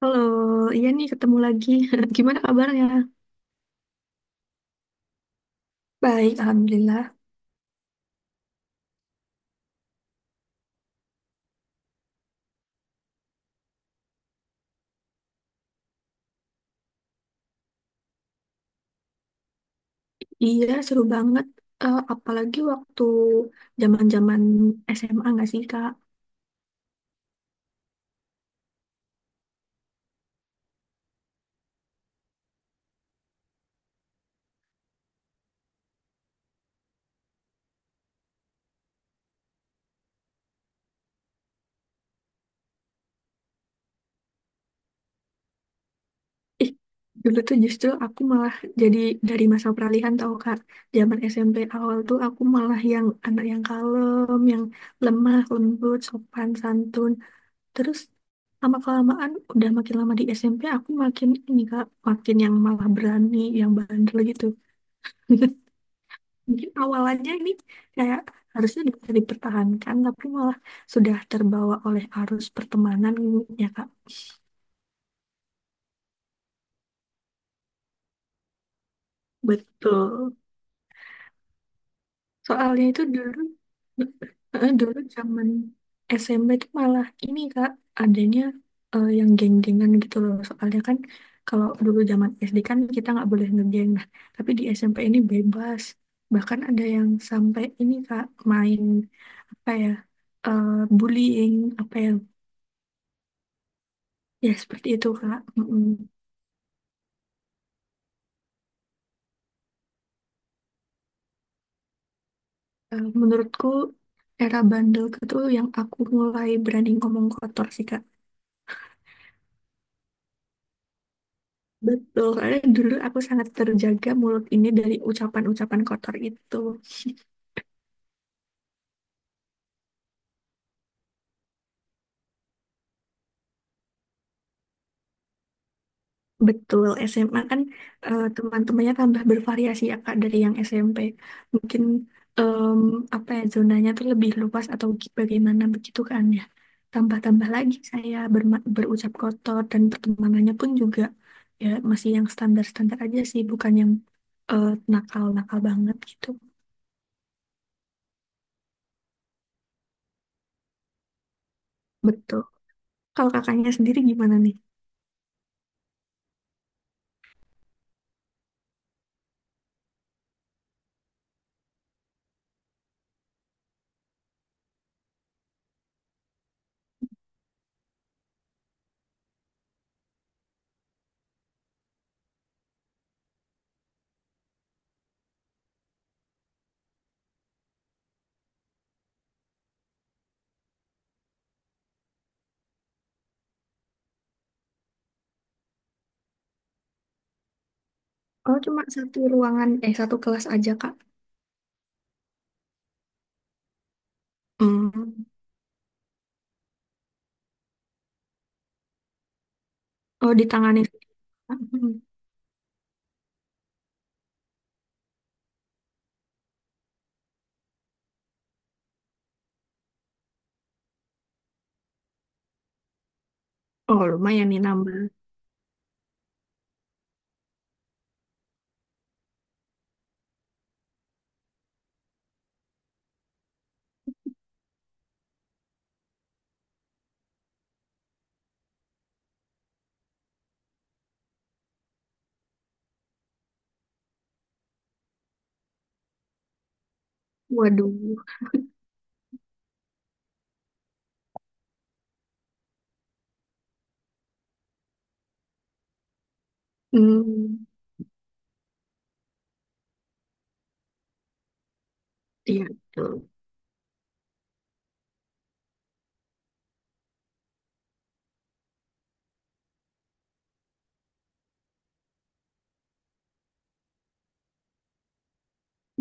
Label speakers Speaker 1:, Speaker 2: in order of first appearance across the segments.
Speaker 1: Halo, iya nih ketemu lagi. Gimana kabarnya? Baik, alhamdulillah. Iya, seru banget. Apalagi waktu zaman-zaman SMA nggak sih, Kak? Ih, dulu tuh justru aku malah jadi dari masa peralihan tau, Kak. Zaman SMP awal tuh aku malah yang anak yang kalem, yang lemah, lembut, sopan, santun. Terus lama-kelamaan udah makin lama di SMP aku makin ini, Kak, makin yang malah berani, yang bandel gitu. Mungkin awalannya ini kayak harusnya bisa dipertahankan, tapi malah sudah terbawa oleh arus pertemanan ya Kak. Betul. Soalnya itu dulu zaman SMP itu malah ini Kak, adanya yang geng-gengan gitu loh. Soalnya kan kalau dulu zaman SD kan kita nggak boleh ngegeng, nah tapi di SMP ini bebas. Bahkan ada yang sampai ini Kak, main apa ya, eh, bullying, apa ya. Ya, seperti itu, Kak. Mm-mm. Menurutku, era bandel itu yang aku mulai berani ngomong kotor sih, Kak. Betul, karena dulu aku sangat terjaga mulut ini dari ucapan-ucapan kotor itu. Betul, SMA kan teman-temannya tambah bervariasi ya Kak dari yang SMP. Mungkin em, apa ya zonanya tuh lebih luas atau bagaimana begitu kan ya. Tambah-tambah lagi saya berucap kotor dan pertemanannya pun juga ya masih yang standar-standar aja sih, bukan yang eh, nakal-nakal banget gitu. Betul. Kalau kakaknya sendiri gimana nih? Oh, cuma satu ruangan, eh satu kelas aja Kak. Hmm. Oh, ditangani. Hmm. Oh, lumayan nih nambah. Waduh, hmm, iya betul.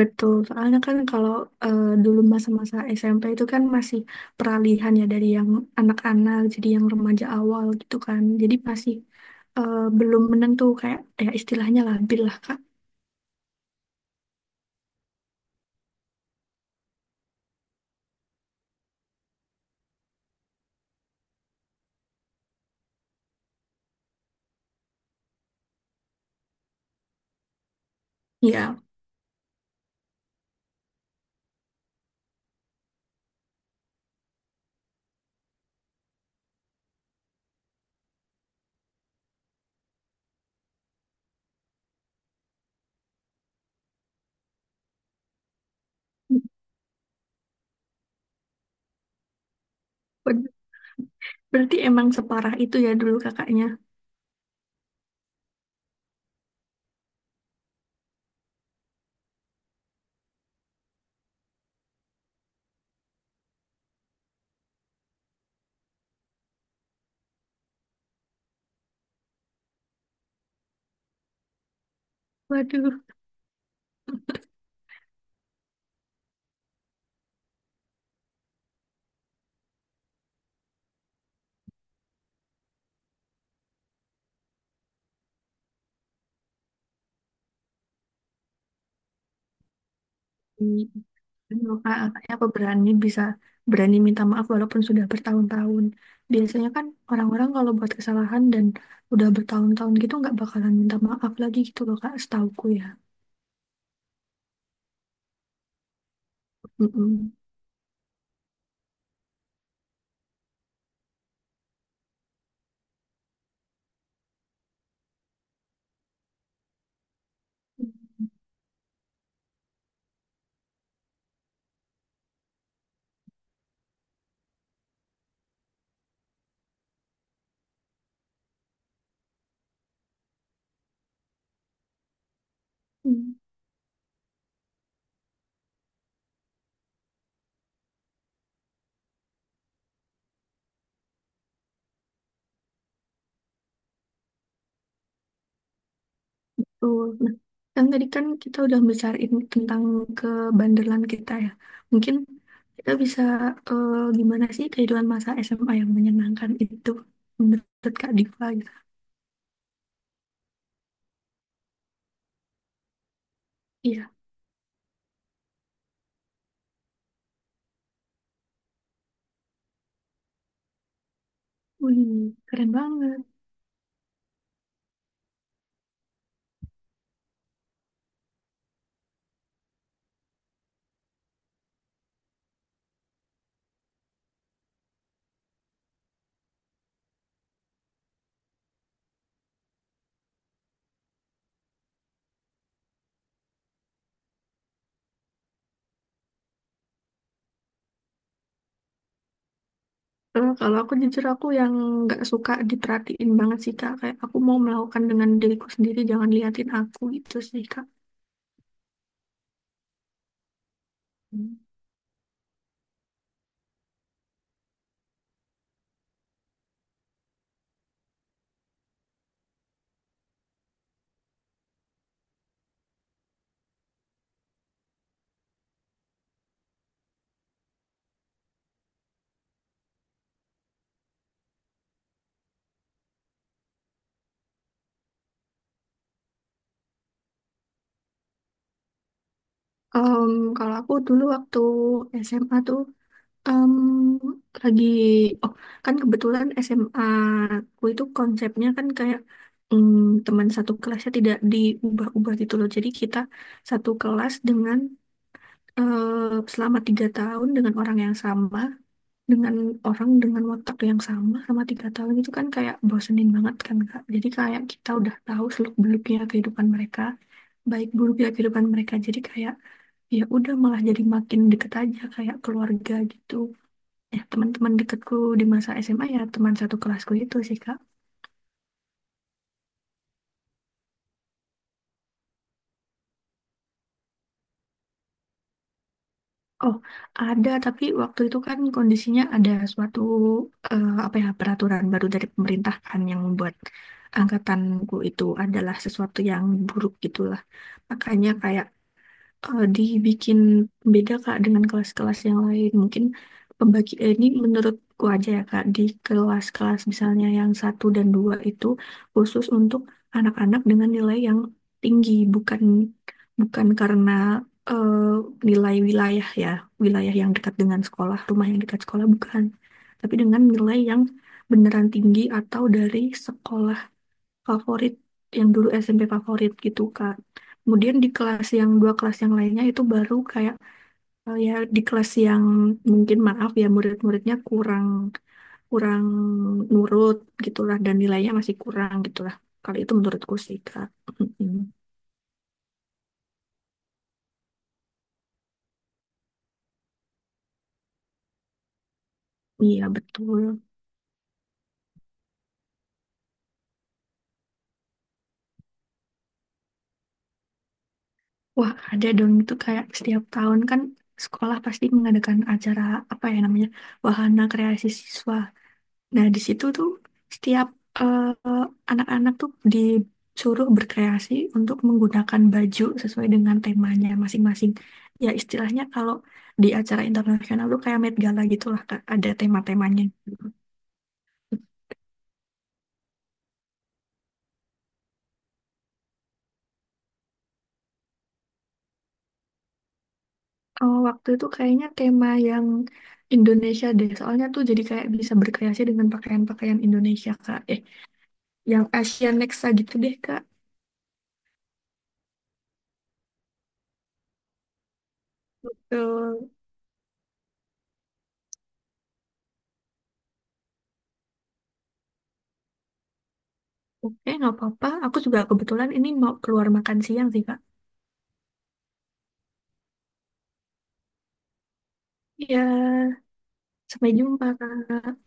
Speaker 1: Betul, soalnya kan kalau dulu masa-masa SMP itu kan masih peralihan ya dari yang anak-anak jadi yang remaja awal gitu kan. Jadi masih belum menentu kayak ya istilahnya labil lah Kak. Iya, ber- berarti emang separah itu ya dulu kakaknya. Waduh. Aduh, Kak, kakaknya apa berani bisa berani minta maaf walaupun sudah bertahun-tahun. Biasanya kan orang-orang kalau buat kesalahan dan udah bertahun-tahun gitu nggak bakalan minta maaf lagi gitu loh Kak, setauku ya. Mm-mm. Mm. Tuh. Nah, kan tadi kan kita udah bicarain tentang kebandelan kita ya. Mungkin kita bisa eh, gimana sih kehidupan masa SMA yang menyenangkan itu menurut Kak Diva gitu. Iya, wih, keren banget. Kalau aku jujur aku yang nggak suka diperhatiin banget sih, Kak. Kayak aku mau melakukan dengan diriku sendiri, jangan liatin aku gitu sih, Kak. Hmm. Em, Kalau aku dulu waktu SMA tuh em, lagi, oh kan kebetulan SMA aku itu konsepnya kan kayak em, teman satu kelasnya tidak diubah-ubah gitu loh. Jadi kita satu kelas dengan selama 3 tahun dengan orang yang sama. Dengan orang dengan watak yang sama sama 3 tahun itu kan kayak bosenin banget kan Kak. Jadi kayak kita udah tahu seluk-beluknya kehidupan mereka, baik buruknya kehidupan mereka. Jadi kayak ya udah malah jadi makin deket aja kayak keluarga gitu. Ya teman-teman deketku di masa SMA ya teman satu kelasku itu sih Kak. Oh, ada tapi waktu itu kan kondisinya ada suatu apa ya peraturan baru dari pemerintah kan yang membuat angkatanku itu adalah sesuatu yang buruk gitulah. Makanya kayak dibikin beda Kak dengan kelas-kelas yang lain. Mungkin ini menurutku aja ya Kak, di kelas-kelas misalnya yang satu dan dua itu khusus untuk anak-anak dengan nilai yang tinggi, bukan bukan karena eh, nilai wilayah ya, wilayah yang dekat dengan sekolah, rumah yang dekat sekolah bukan, tapi dengan nilai yang beneran tinggi atau dari sekolah favorit yang dulu SMP favorit gitu Kak. Kemudian di kelas yang dua kelas yang lainnya itu baru kayak ya di kelas yang mungkin maaf ya murid-muridnya kurang kurang nurut gitulah dan nilainya masih kurang gitulah. Kalau itu menurutku sih Kak. Mm-mm. Iya betul. Wah ada dong itu kayak setiap tahun kan sekolah pasti mengadakan acara apa ya namanya wahana kreasi siswa. Nah, di situ tuh setiap eh, anak-anak tuh disuruh berkreasi untuk menggunakan baju sesuai dengan temanya masing-masing. Ya, istilahnya kalau di acara internasional tuh kayak Met Gala gitu lah, Kak. Ada tema-temanya. Oh, waktu itu kayaknya tema yang Indonesia deh. Soalnya tuh jadi kayak bisa berkreasi dengan pakaian-pakaian Indonesia, Kak. Yang Asian Nexa gitu deh, Kak. Eh, oke, nggak apa-apa. Aku juga kebetulan ini mau keluar makan siang sih, Kak. Iya. Sampai jumpa, Kak.